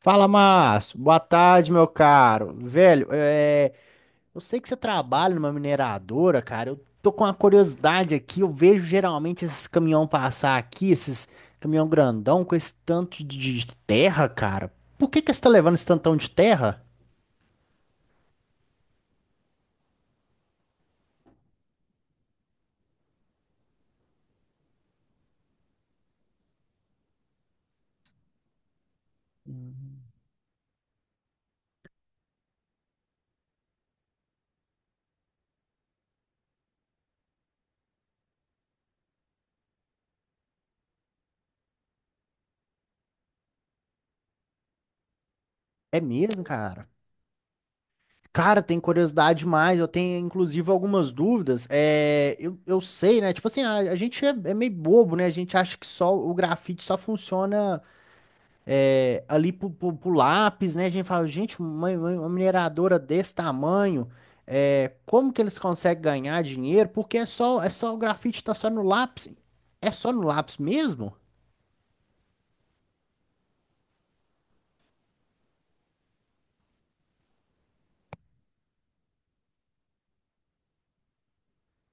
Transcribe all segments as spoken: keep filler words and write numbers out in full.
Fala, Márcio. Boa tarde, meu caro. Velho, é, eu sei que você trabalha numa mineradora, cara. Eu tô com uma curiosidade aqui. Eu vejo geralmente esses caminhão passar aqui, esses caminhão grandão com esse tanto de de terra, cara. Por que que você tá levando esse tantão de terra? É mesmo, cara? Cara, tem curiosidade demais. Eu tenho, inclusive, algumas dúvidas. É, eu, eu sei, né? Tipo assim, a, a gente é, é meio bobo, né? A gente acha que só o grafite só funciona é, ali pro, pro- pro lápis, né? A gente fala, gente, uma, uma- mineradora desse tamanho, é, como que eles conseguem ganhar dinheiro? Porque é só, é só o grafite tá só no lápis. É só no lápis mesmo?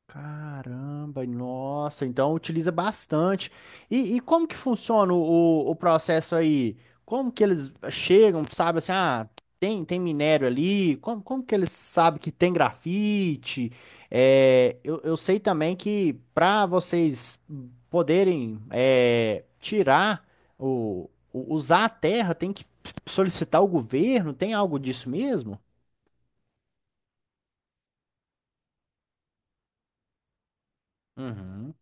Caramba, nossa, então utiliza bastante. E, e como que funciona o, o processo aí? Como que eles chegam, sabe assim, ah, tem, tem minério ali? Como, como que eles sabem que tem grafite? É, eu, eu sei também que para vocês poderem é, tirar o, o- usar a terra, tem que solicitar o governo, tem algo disso mesmo? Uhum.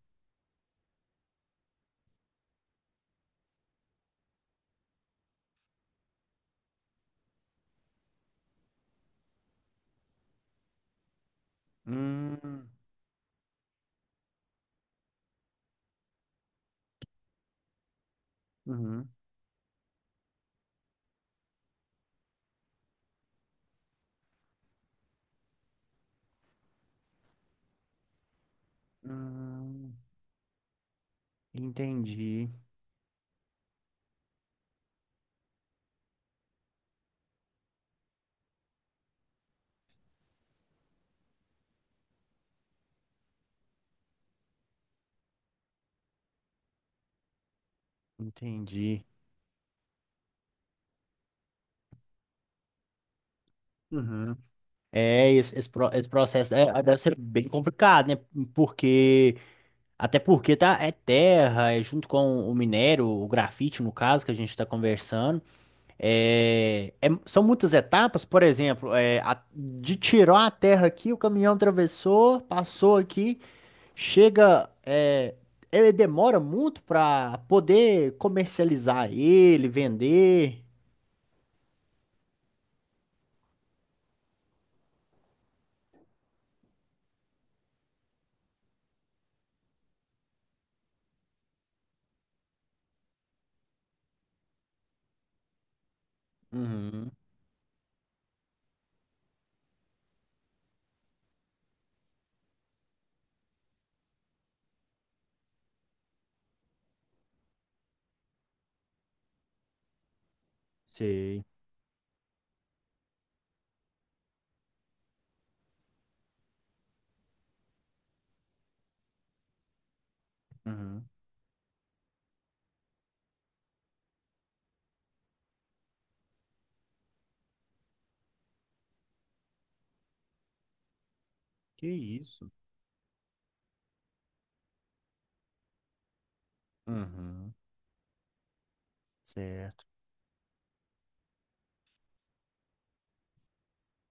Hum, uhum. Hum. Entendi, entendi. Uhum. É, esse, esse, pro- esse processo é- é, deve ser bem complicado, né? Porque, até porque tá, é terra, é junto com o minério, o grafite, no caso, que a gente está conversando. É, é- são muitas etapas, por exemplo, é, a- de tirar a terra aqui, o caminhão atravessou, passou aqui, chega. É, ele demora muito para poder comercializar ele, vender. Uhum, sei. Uhum. Que isso? Uhum. Certo.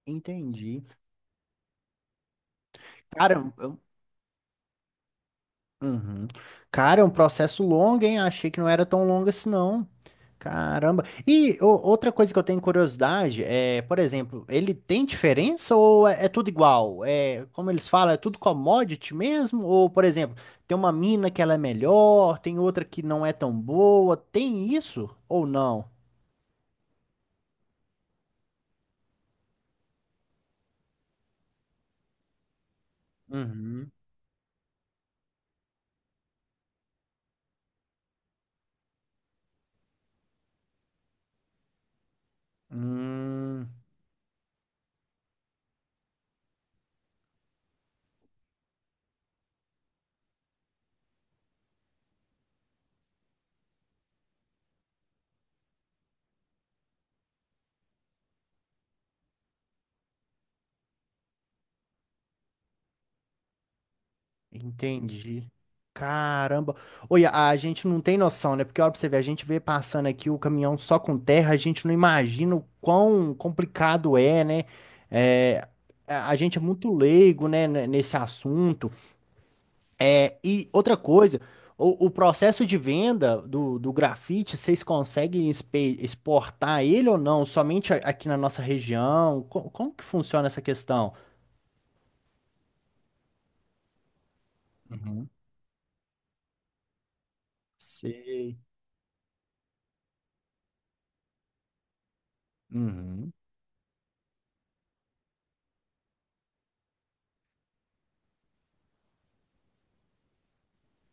Entendi. Cara, é um- é um- uhum. Cara, é um processo longo, hein? Achei que não era tão longo assim, não. Caramba. E ô, outra coisa que eu tenho curiosidade é, por exemplo, ele tem diferença ou é, é tudo igual? É, como eles falam, é tudo commodity mesmo? Ou, por exemplo, tem uma mina que ela é melhor, tem outra que não é tão boa? Tem isso ou não? Uhum. Hum. Entendi. Caramba. Olha, a gente não tem noção, né? Porque olha pra você ver, a gente vê passando aqui o caminhão só com terra, a gente não imagina o quão complicado é, né? É, a a gente é muito leigo, né, ne- nesse assunto. É, e outra coisa, o, o processo de venda do, do grafite, vocês conseguem espe- exportar ele ou não? Somente a- aqui na nossa região? Co- Como, que funciona essa questão? Uhum. Sei. Uhum.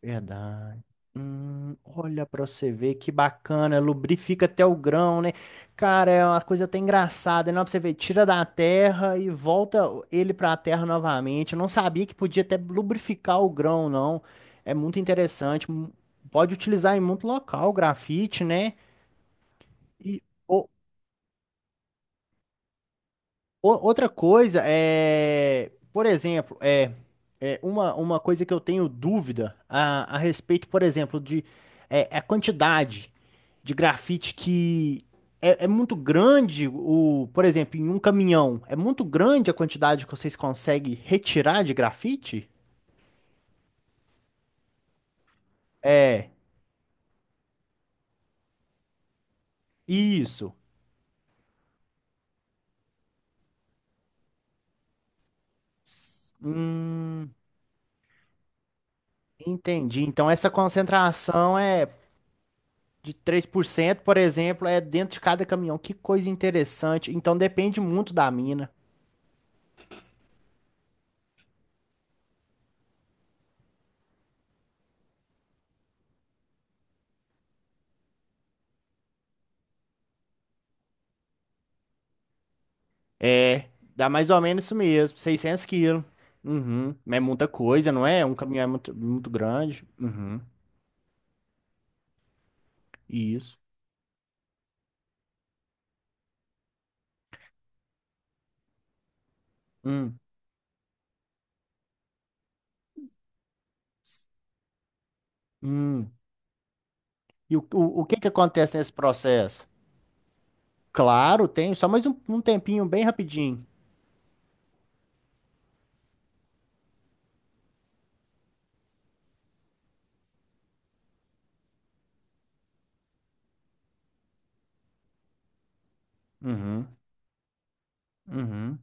Verdade. Hum, olha pra você ver que bacana, lubrifica até o grão, né? Cara, é uma coisa até engraçada, não, pra você ver, tira da terra e volta ele pra terra novamente. Eu não sabia que podia até lubrificar o grão, não. É muito interessante. Mu- Pode utilizar em muito local, o grafite, né? E o- o- outra coisa é, por exemplo, é, é uma, uma coisa que eu tenho dúvida a, a respeito, por exemplo, de é, a quantidade de grafite que é, é, muito grande o, por exemplo, em um caminhão, é muito grande a quantidade que vocês conseguem retirar de grafite? É, isso. Hum, entendi. Então essa concentração é de três por cento por exemplo, é dentro de cada caminhão. Que coisa interessante. Então depende muito da mina. É, dá mais ou menos isso mesmo, seiscentos quilos. Uhum. É muita coisa, não é? Um caminhão é muito, muito grande. Uhum. Isso. Hum. Hum. E o, o, o que que acontece nesse processo? Claro, tem só mais um, um tempinho bem rapidinho. Uhum, uhum,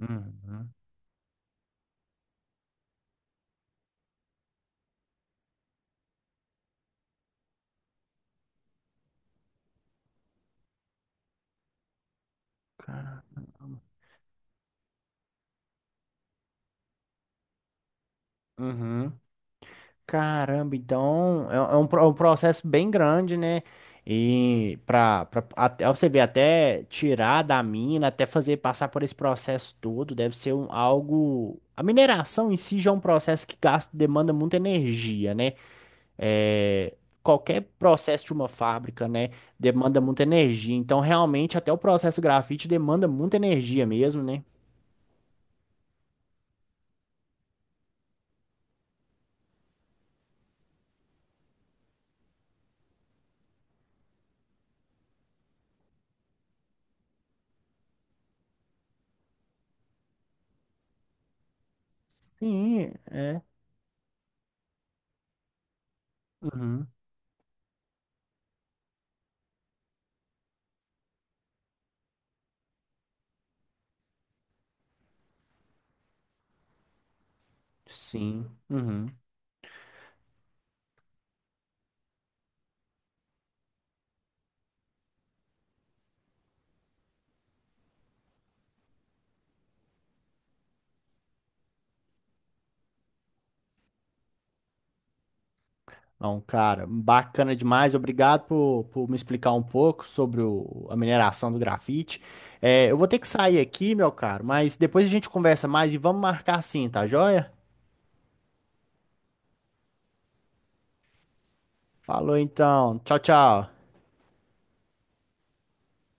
uhum. Ca- uhum. Caramba, então é, é um, pro- é um processo bem grande, né? E para até você ver, até tirar da mina, até fazer passar por esse processo todo, deve ser um, algo. A mineração em si já é um processo que gasta, demanda muita energia, né? É, qualquer processo de uma fábrica, né, demanda muita energia. Então, realmente, até o processo grafite demanda muita energia mesmo, né? Sim, é. Uhum. Sim. Uhum. Não, cara, bacana demais. Obrigado por, por me explicar um pouco sobre o- a mineração do grafite. É, eu vou ter que sair aqui, meu caro, mas depois a gente conversa mais e vamos marcar sim, tá joia? Falou então. Tchau, tchau.